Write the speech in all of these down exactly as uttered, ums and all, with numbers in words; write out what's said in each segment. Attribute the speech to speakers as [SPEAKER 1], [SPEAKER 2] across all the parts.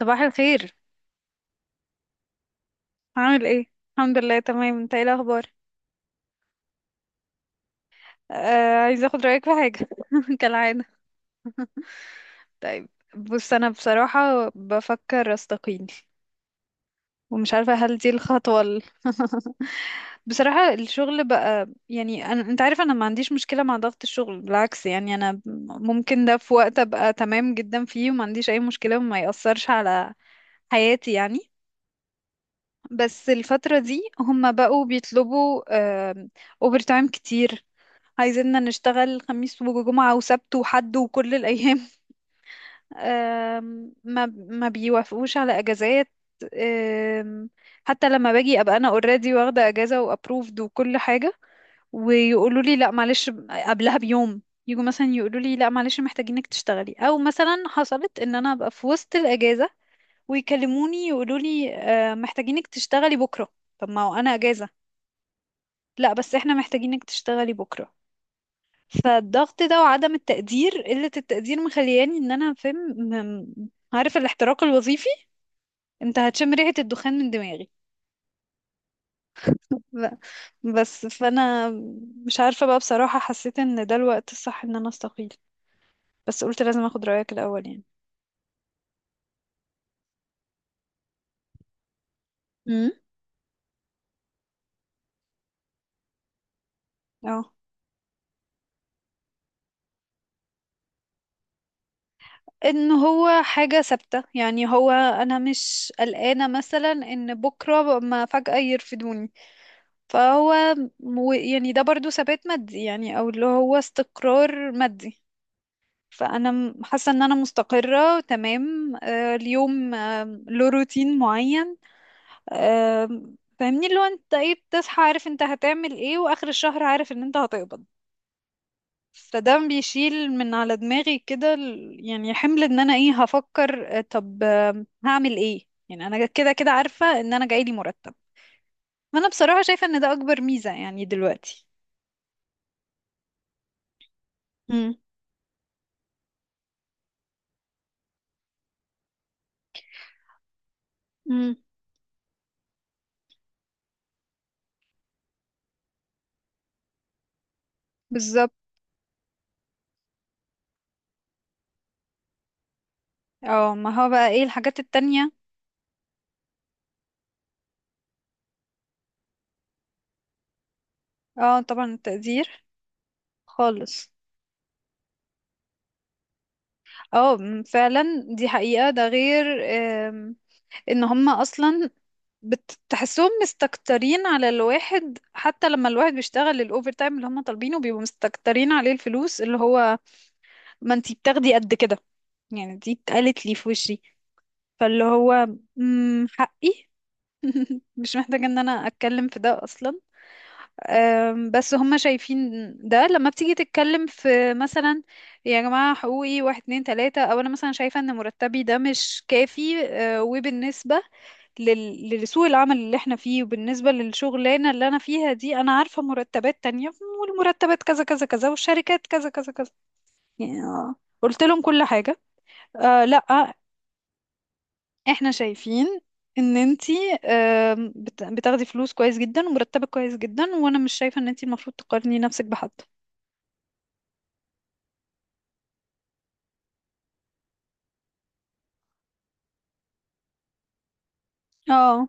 [SPEAKER 1] صباح الخير. عامل ايه؟ الحمد لله، تمام. انت ايه الاخبار؟ آه، عايزه اخد رايك في حاجه كالعاده. طيب، بص، انا بصراحه بفكر استقيل، ومش عارفه هل دي الخطوه ال... بصراحه الشغل بقى، يعني أنا... انت عارف انا ما عنديش مشكله مع ضغط الشغل، بالعكس، يعني انا ممكن ده في وقت ابقى تمام جدا فيه، وما عنديش اي مشكله، وما يأثرش على حياتي يعني. بس الفترة دي هم بقوا بيطلبوا اوفر تايم كتير، عايزيننا نشتغل خميس وجمعة وسبت وحد وكل الأيام. آم، ما ما بيوافقوش على أجازات. آم، حتى لما باجي أبقى أنا اوريدي، واخدة أجازة وأبروفد وكل حاجة، ويقولوا لي لا معلش قبلها بيوم، يجوا مثلا يقولوا لي لا معلش محتاجينك تشتغلي، أو مثلا حصلت إن أنا أبقى في وسط الأجازة ويكلموني يقولوا لي آه، محتاجينك تشتغلي بكرة. طب ما هو أنا أجازة. لا، بس احنا محتاجينك تشتغلي بكرة. فالضغط ده وعدم التقدير، قلة التقدير، مخلياني ان انا فاهم، م- عارف الاحتراق الوظيفي. انت هتشم ريحة الدخان من دماغي. ب- بس فانا مش عارفة بقى، بصراحة حسيت ان ده الوقت الصح ان انا استقيل، بس قلت لازم اخد رأيك الاول يعني. امم. اه. ان هو حاجة ثابتة، يعني هو انا مش قلقانة مثلا ان بكرة ما فجأة يرفدوني. فهو مو- يعني ده برضو ثبات مادي يعني، او اللي هو استقرار مادي. فانا م- حاسة ان انا مستقرة تمام. آه، اليوم آه، له روتين معين. آه، فاهمني اللي هو انت ايه بتصحى عارف انت هتعمل ايه، واخر الشهر عارف ان انت هتقبض. فده بيشيل من على دماغي كده ال- يعني حمل ان انا ايه هفكر. آه، طب هعمل ايه يعني، انا كده كده عارفة ان انا جايلي مرتب. انا بصراحة شايفة ان ده اكبر ميزة، يعني دلوقتي. امم. امم. بالظبط. اه، ما هو بقى ايه الحاجات التانية؟ اه، طبعا التقدير. خالص. اه، م- فعلا. دي حقيقة، ده غير آم، ان هما اصلا بتحسهم مستكترين على الواحد، حتى لما الواحد بيشتغل الاوفر تايم اللي هما طالبينه بيبقوا مستكترين عليه. الفلوس اللي هو ما انتي بتاخدي قد كده، يعني دي اتقالت لي في وشي. فاللي هو مم، حقي، مش محتاجة ان انا اتكلم في ده اصلا. أم، بس هما شايفين ده لما بتيجي تتكلم في مثلا يا جماعة حقوقي واحد اتنين تلاتة، او انا مثلا شايفة ان مرتبي ده مش كافي أه، وبالنسبة لل- لسوق العمل اللي احنا فيه، وبالنسبة للشغلانة اللي انا فيها دي انا عارفة مرتبات تانية، والمرتبات كذا كذا كذا والشركات كذا كذا كذا يعني. آه، قلت لهم كل حاجة. آه، لا. احنا شايفين ان انتي آم، بت- بتاخدي فلوس كويس جدا، ومرتبك كويس جدا، وانا مش شايفة ان انتي المفروض تقارني نفسك بحد. اه.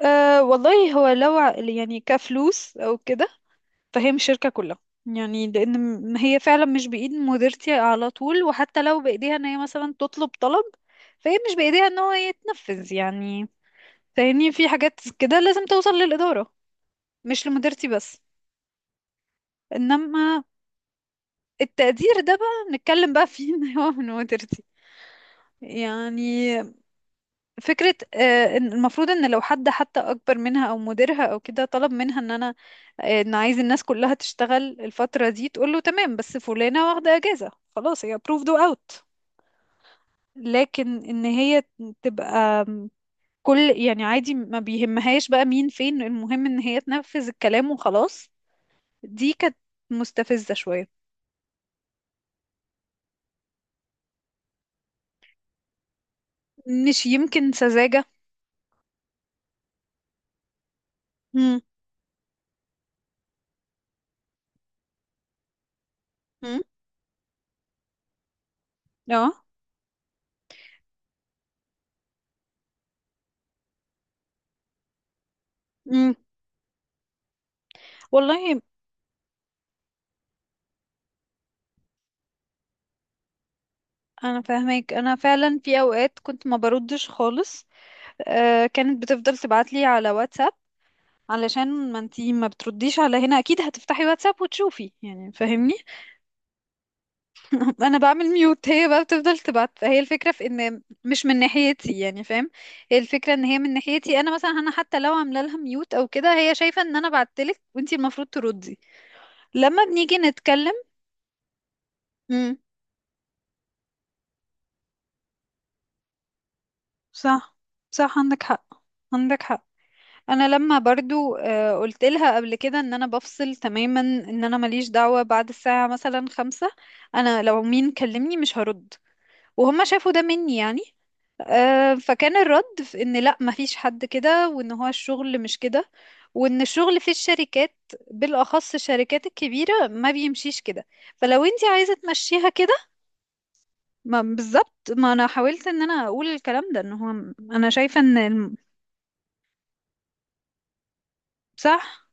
[SPEAKER 1] أه والله، هو لو ع- يعني كفلوس او كده، فهي مش شركة كلها. يعني لان م- هي فعلا مش بايد مديرتي على طول، وحتى لو بايديها ان هي مثلا تطلب طلب، فهي مش بايديها ان هو يتنفذ يعني. فاهمني، في حاجات كده لازم توصل للإدارة، مش لمديرتي بس. انما التقدير ده بقى نتكلم بقى فيه ان هو من مديرتي يعني. فكرة آه، إن المفروض ان لو حد حتى اكبر منها او مديرها او كده طلب منها ان انا آه، ان عايز الناس كلها تشتغل الفترة دي، تقول له تمام بس فلانة واخدة اجازة. خلاص هي approved و out. لكن ان هي تبقى كل يعني عادي، ما بيهمهاش بقى مين فين، المهم ان هي تنفذ الكلام وخلاص. دي كانت مستفزة شوية. مش يمكن سذاجة؟ امم. امم. اه. امم. والله انا فاهمك، انا فعلا في اوقات كنت ما بردش خالص. آه، كانت بتفضل تبعتلي على واتساب، علشان ما انتي ما بترديش على هنا اكيد هتفتحي واتساب وتشوفي يعني. فاهمني. انا بعمل ميوت، هي بقى بتفضل تبعت. هي الفكرة في ان مش من ناحيتي يعني، فاهم؟ هي الفكرة ان هي من ناحيتي، انا مثلا انا حتى لو عامله لها ميوت او كده، هي شايفة ان انا بعتلك وانتي المفروض تردي لما بنيجي نتكلم. امم. صح. صح، عندك حق. عندك حق. انا لما برضو آه، قلت لها قبل كده ان انا بفصل تماما، ان انا ماليش دعوة بعد الساعة مثلا خمسة. انا لو مين كلمني مش هرد. وهم شافوا ده مني يعني. آه، فكان الرد في ان لا، مفيش حد كده، وان هو الشغل مش كده، وان الشغل في الشركات، بالاخص الشركات الكبيرة، ما بيمشيش كده. فلو انتي عايزة تمشيها كده. ما بالظبط، ما انا حاولت ان انا اقول الكلام ده، ان هو انا شايفة ان الم- صح.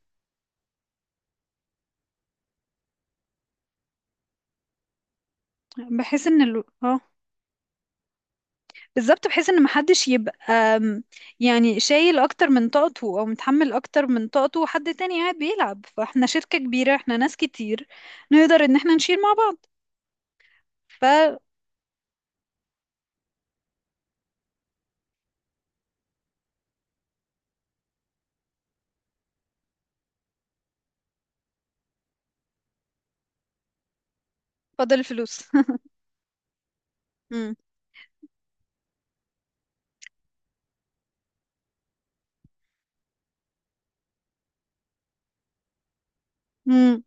[SPEAKER 1] بحيث ان ال... اه، بالظبط، بحيث ان محدش يبقى م، يعني شايل اكتر من طاقته، او متحمل اكتر من طاقته، وحد تاني قاعد بيلعب. فاحنا شركة كبيرة، احنا ناس كتير، نقدر ان احنا نشيل مع بعض. ففضل الفلوس. مم. مم.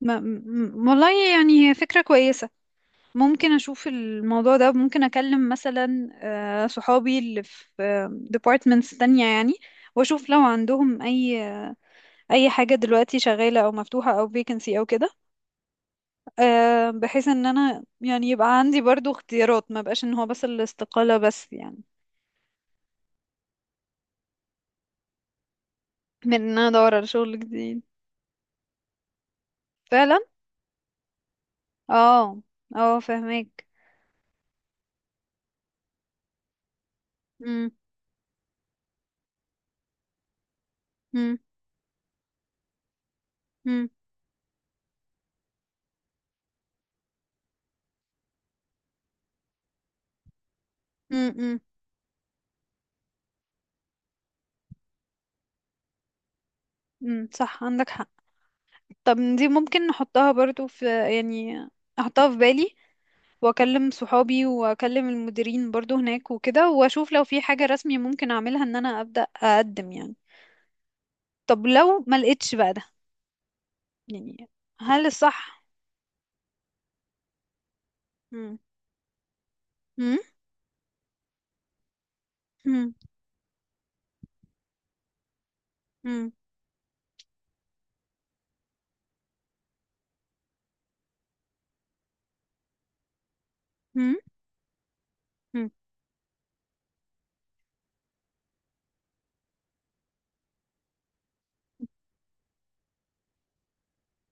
[SPEAKER 1] ما- م- والله يعني هي فكرة كويسة. ممكن أشوف الموضوع ده، ممكن أكلم مثلا آه، صحابي اللي في ديبارتمنتس تانية يعني. وأشوف لو عندهم أي أي حاجة دلوقتي شغالة، أو مفتوحة، أو vacancy أو كده. آه، بحيث ان انا يعني يبقى عندي برضو اختيارات، ما بقاش ان هو بس الاستقالة بس يعني. من ان انا ادور على شغل جديد. فعلا. اه. اه، فهمك. امم. امم. امم. امم. امم. صح، عندك حق. طب دي ممكن نحطها برضو في، يعني احطها في بالي، واكلم صحابي واكلم المديرين برضو هناك وكده، واشوف لو في حاجة رسمي ممكن اعملها ان انا ابدأ اقدم يعني. طب لو ما لقيتش بقى ده يعني، هل الصح؟ امم. امم. مم. مم. مم.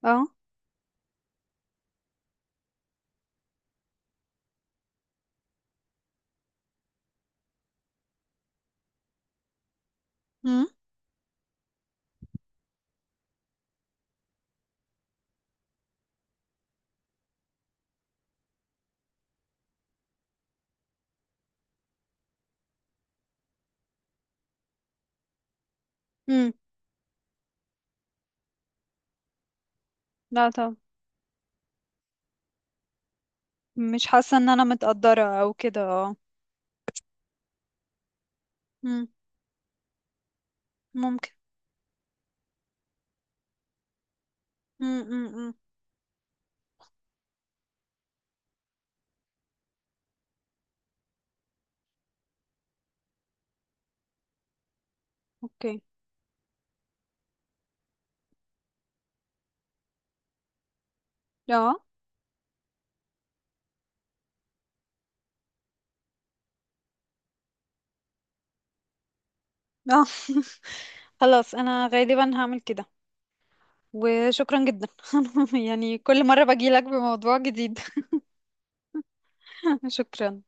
[SPEAKER 1] اه. مم. مم. لا، طب مش حاسة ان انا متقدرة او كده، اه. مم. ممكن. مم. مم. مم. اوكي. اه. اه. خلاص انا غالبا هعمل كده. وشكرا جدا. يعني كل مرة باجي لك بموضوع جديد. شكرا.